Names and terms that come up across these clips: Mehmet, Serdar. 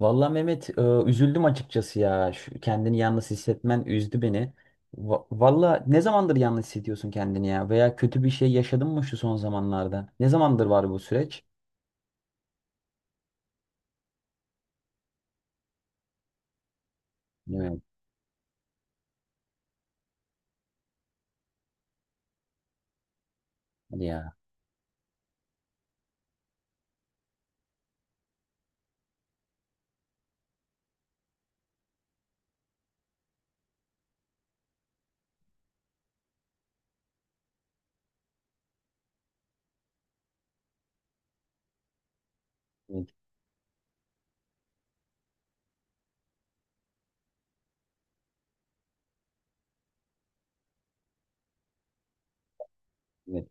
Vallahi Mehmet üzüldüm açıkçası ya. Şu, kendini yalnız hissetmen üzdü beni. Valla ne zamandır yalnız hissediyorsun kendini ya? Veya kötü bir şey yaşadın mı şu son zamanlarda? Ne zamandır var bu süreç? Evet, hadi ya. Evet, evet.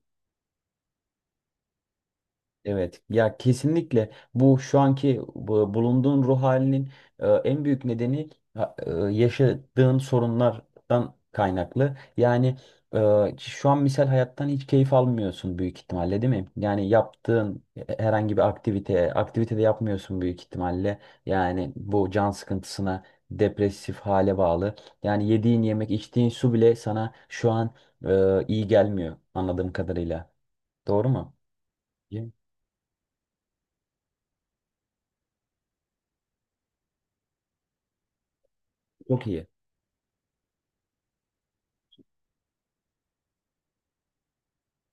Evet ya, kesinlikle bu şu anki bu bulunduğun ruh halinin en büyük nedeni yaşadığın sorunlardan kaynaklı. Yani şu an misal hayattan hiç keyif almıyorsun büyük ihtimalle, değil mi? Yani yaptığın herhangi bir aktivite, aktivite de yapmıyorsun büyük ihtimalle. Yani bu can sıkıntısına, depresif hale bağlı. Yani yediğin yemek, içtiğin su bile sana şu an iyi gelmiyor anladığım kadarıyla. Doğru mu? İyi. Çok iyi.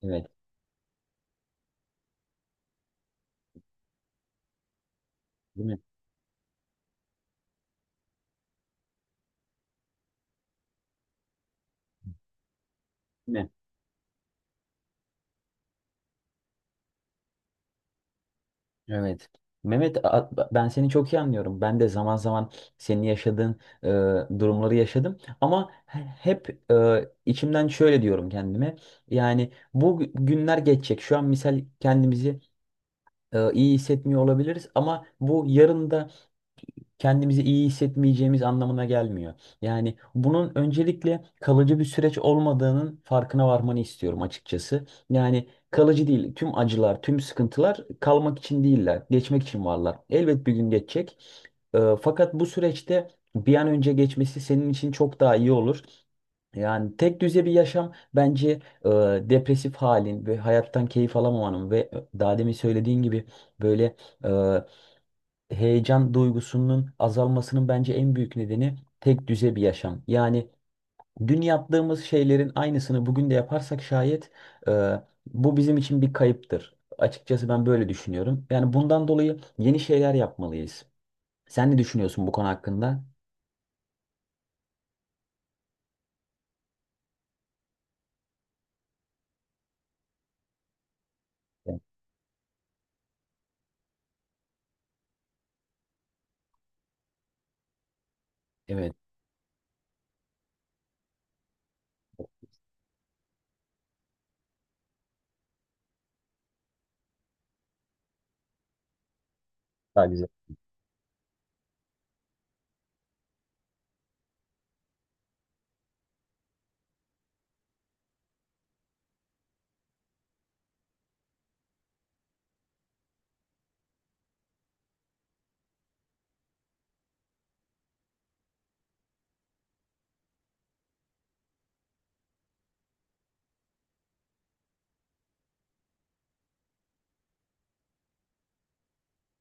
Evet. Değil mi? Değil mi? Evet. Mehmet, ben seni çok iyi anlıyorum. Ben de zaman zaman senin yaşadığın durumları yaşadım. Ama hep içimden şöyle diyorum kendime. Yani bu günler geçecek. Şu an misal kendimizi iyi hissetmiyor olabiliriz. Ama bu yarın da kendimizi iyi hissetmeyeceğimiz anlamına gelmiyor. Yani bunun öncelikle kalıcı bir süreç olmadığının farkına varmanı istiyorum açıkçası. Yani kalıcı değil. Tüm acılar, tüm sıkıntılar kalmak için değiller. Geçmek için varlar. Elbet bir gün geçecek. Fakat bu süreçte bir an önce geçmesi senin için çok daha iyi olur. Yani tek düze bir yaşam bence e, depresif halin ve hayattan keyif alamamanın ve daha demin söylediğin gibi böyle e, heyecan duygusunun azalmasının bence en büyük nedeni tek düze bir yaşam. Yani dün yaptığımız şeylerin aynısını bugün de yaparsak şayet e, bu bizim için bir kayıptır. Açıkçası ben böyle düşünüyorum. Yani bundan dolayı yeni şeyler yapmalıyız. Sen ne düşünüyorsun bu konu hakkında? Evet, evet, daha güzel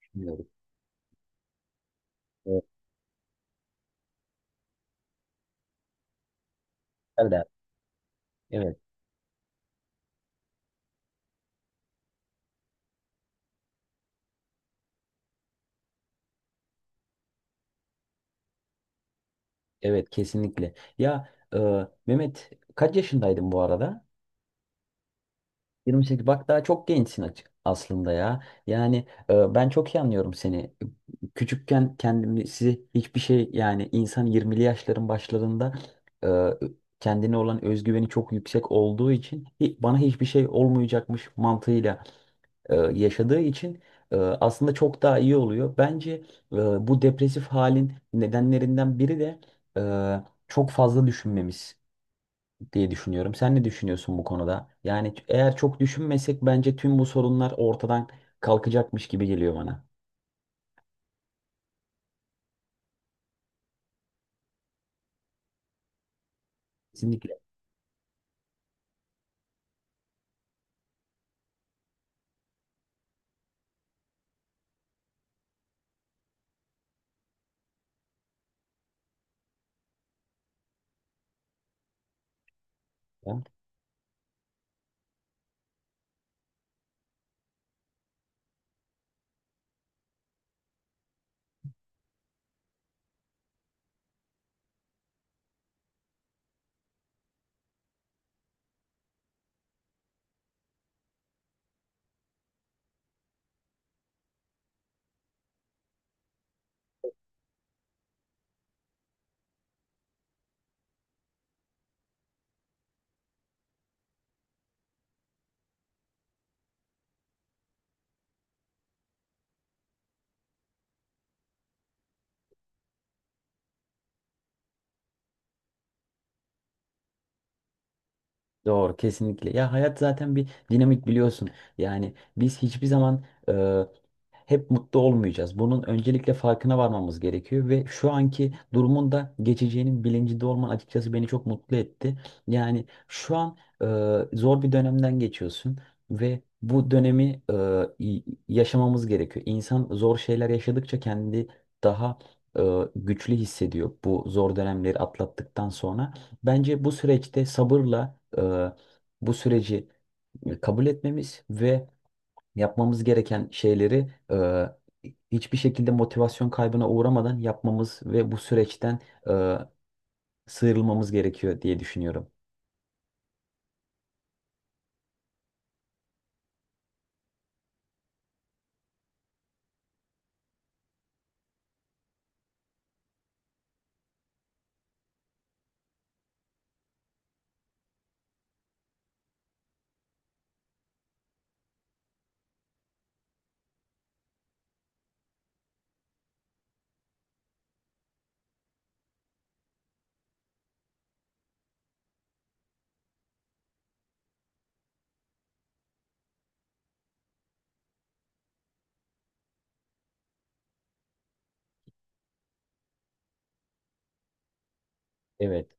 düşünüyorum. Evet, Serdar, evet, evet, kesinlikle. Ya e, Mehmet, kaç yaşındaydın bu arada? 28, bak daha çok gençsin açık aslında ya. Yani ben çok iyi anlıyorum seni. Küçükken kendimi size hiçbir şey, yani insan 20'li yaşların başlarında e, kendine olan özgüveni çok yüksek olduğu için bana hiçbir şey olmayacakmış mantığıyla yaşadığı için aslında çok daha iyi oluyor. Bence e, bu depresif halin nedenlerinden biri de çok fazla düşünmemiz diye düşünüyorum. Sen ne düşünüyorsun bu konuda? Yani eğer çok düşünmesek bence tüm bu sorunlar ortadan kalkacakmış gibi geliyor bana. Kesinlikle. Doğru, kesinlikle. Ya hayat zaten bir dinamik, biliyorsun. Yani biz hiçbir zaman e, hep mutlu olmayacağız. Bunun öncelikle farkına varmamız gerekiyor ve şu anki durumun da geçeceğinin bilincinde olman açıkçası beni çok mutlu etti. Yani şu an zor bir dönemden geçiyorsun ve bu dönemi yaşamamız gerekiyor. İnsan zor şeyler yaşadıkça kendi daha e, güçlü hissediyor bu zor dönemleri atlattıktan sonra. Bence bu süreçte sabırla bu süreci kabul etmemiz ve yapmamız gereken şeyleri hiçbir şekilde motivasyon kaybına uğramadan yapmamız ve bu süreçten e, sıyrılmamız gerekiyor diye düşünüyorum. Evet,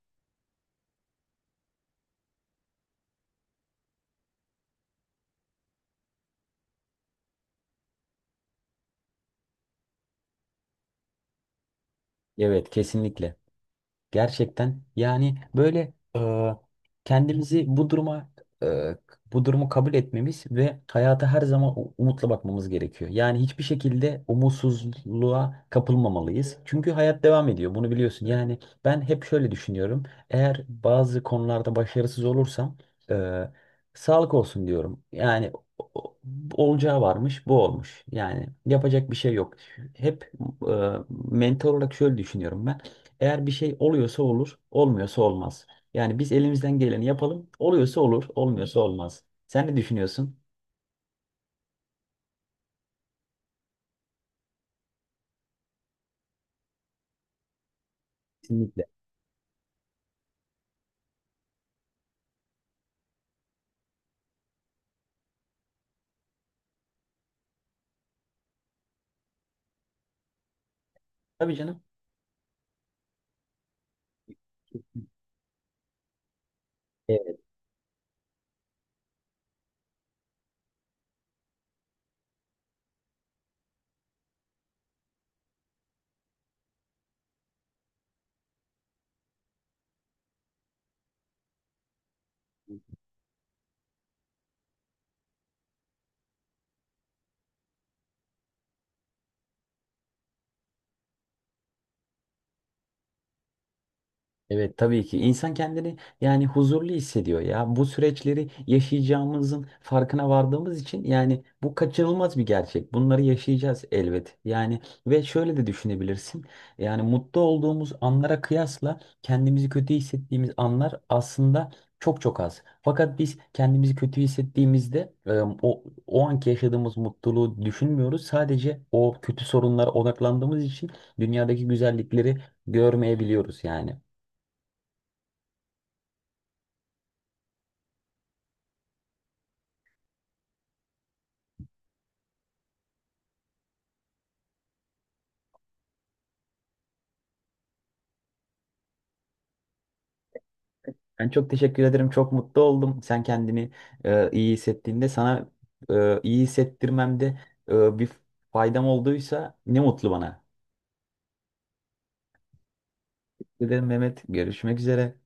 evet, kesinlikle. Gerçekten, yani böyle kendimizi bu duruma e, bu durumu kabul etmemiz ve hayata her zaman umutla bakmamız gerekiyor. Yani hiçbir şekilde umutsuzluğa kapılmamalıyız. Çünkü hayat devam ediyor. Bunu biliyorsun. Yani ben hep şöyle düşünüyorum. Eğer bazı konularda başarısız olursam e, sağlık olsun diyorum. Yani o- o- olacağı varmış, bu olmuş. Yani yapacak bir şey yok. Hep e, mental olarak şöyle düşünüyorum ben. Eğer bir şey oluyorsa olur, olmuyorsa olmaz. Yani biz elimizden geleni yapalım. Oluyorsa olur, olmuyorsa olmaz. Sen ne düşünüyorsun? Kesinlikle. Tabii canım. Evet, tabii ki insan kendini yani huzurlu hissediyor ya. Bu süreçleri yaşayacağımızın farkına vardığımız için, yani bu kaçınılmaz bir gerçek. Bunları yaşayacağız elbet. Yani ve şöyle de düşünebilirsin. Yani mutlu olduğumuz anlara kıyasla kendimizi kötü hissettiğimiz anlar aslında çok çok az. Fakat biz kendimizi kötü hissettiğimizde o anki yaşadığımız mutluluğu düşünmüyoruz. Sadece o kötü sorunlara odaklandığımız için dünyadaki güzellikleri görmeyebiliyoruz yani. Ben çok teşekkür ederim. Çok mutlu oldum. Sen kendini iyi hissettiğinde sana iyi hissettirmemde bir faydam olduysa ne mutlu bana. Teşekkür ederim Mehmet. Görüşmek üzere.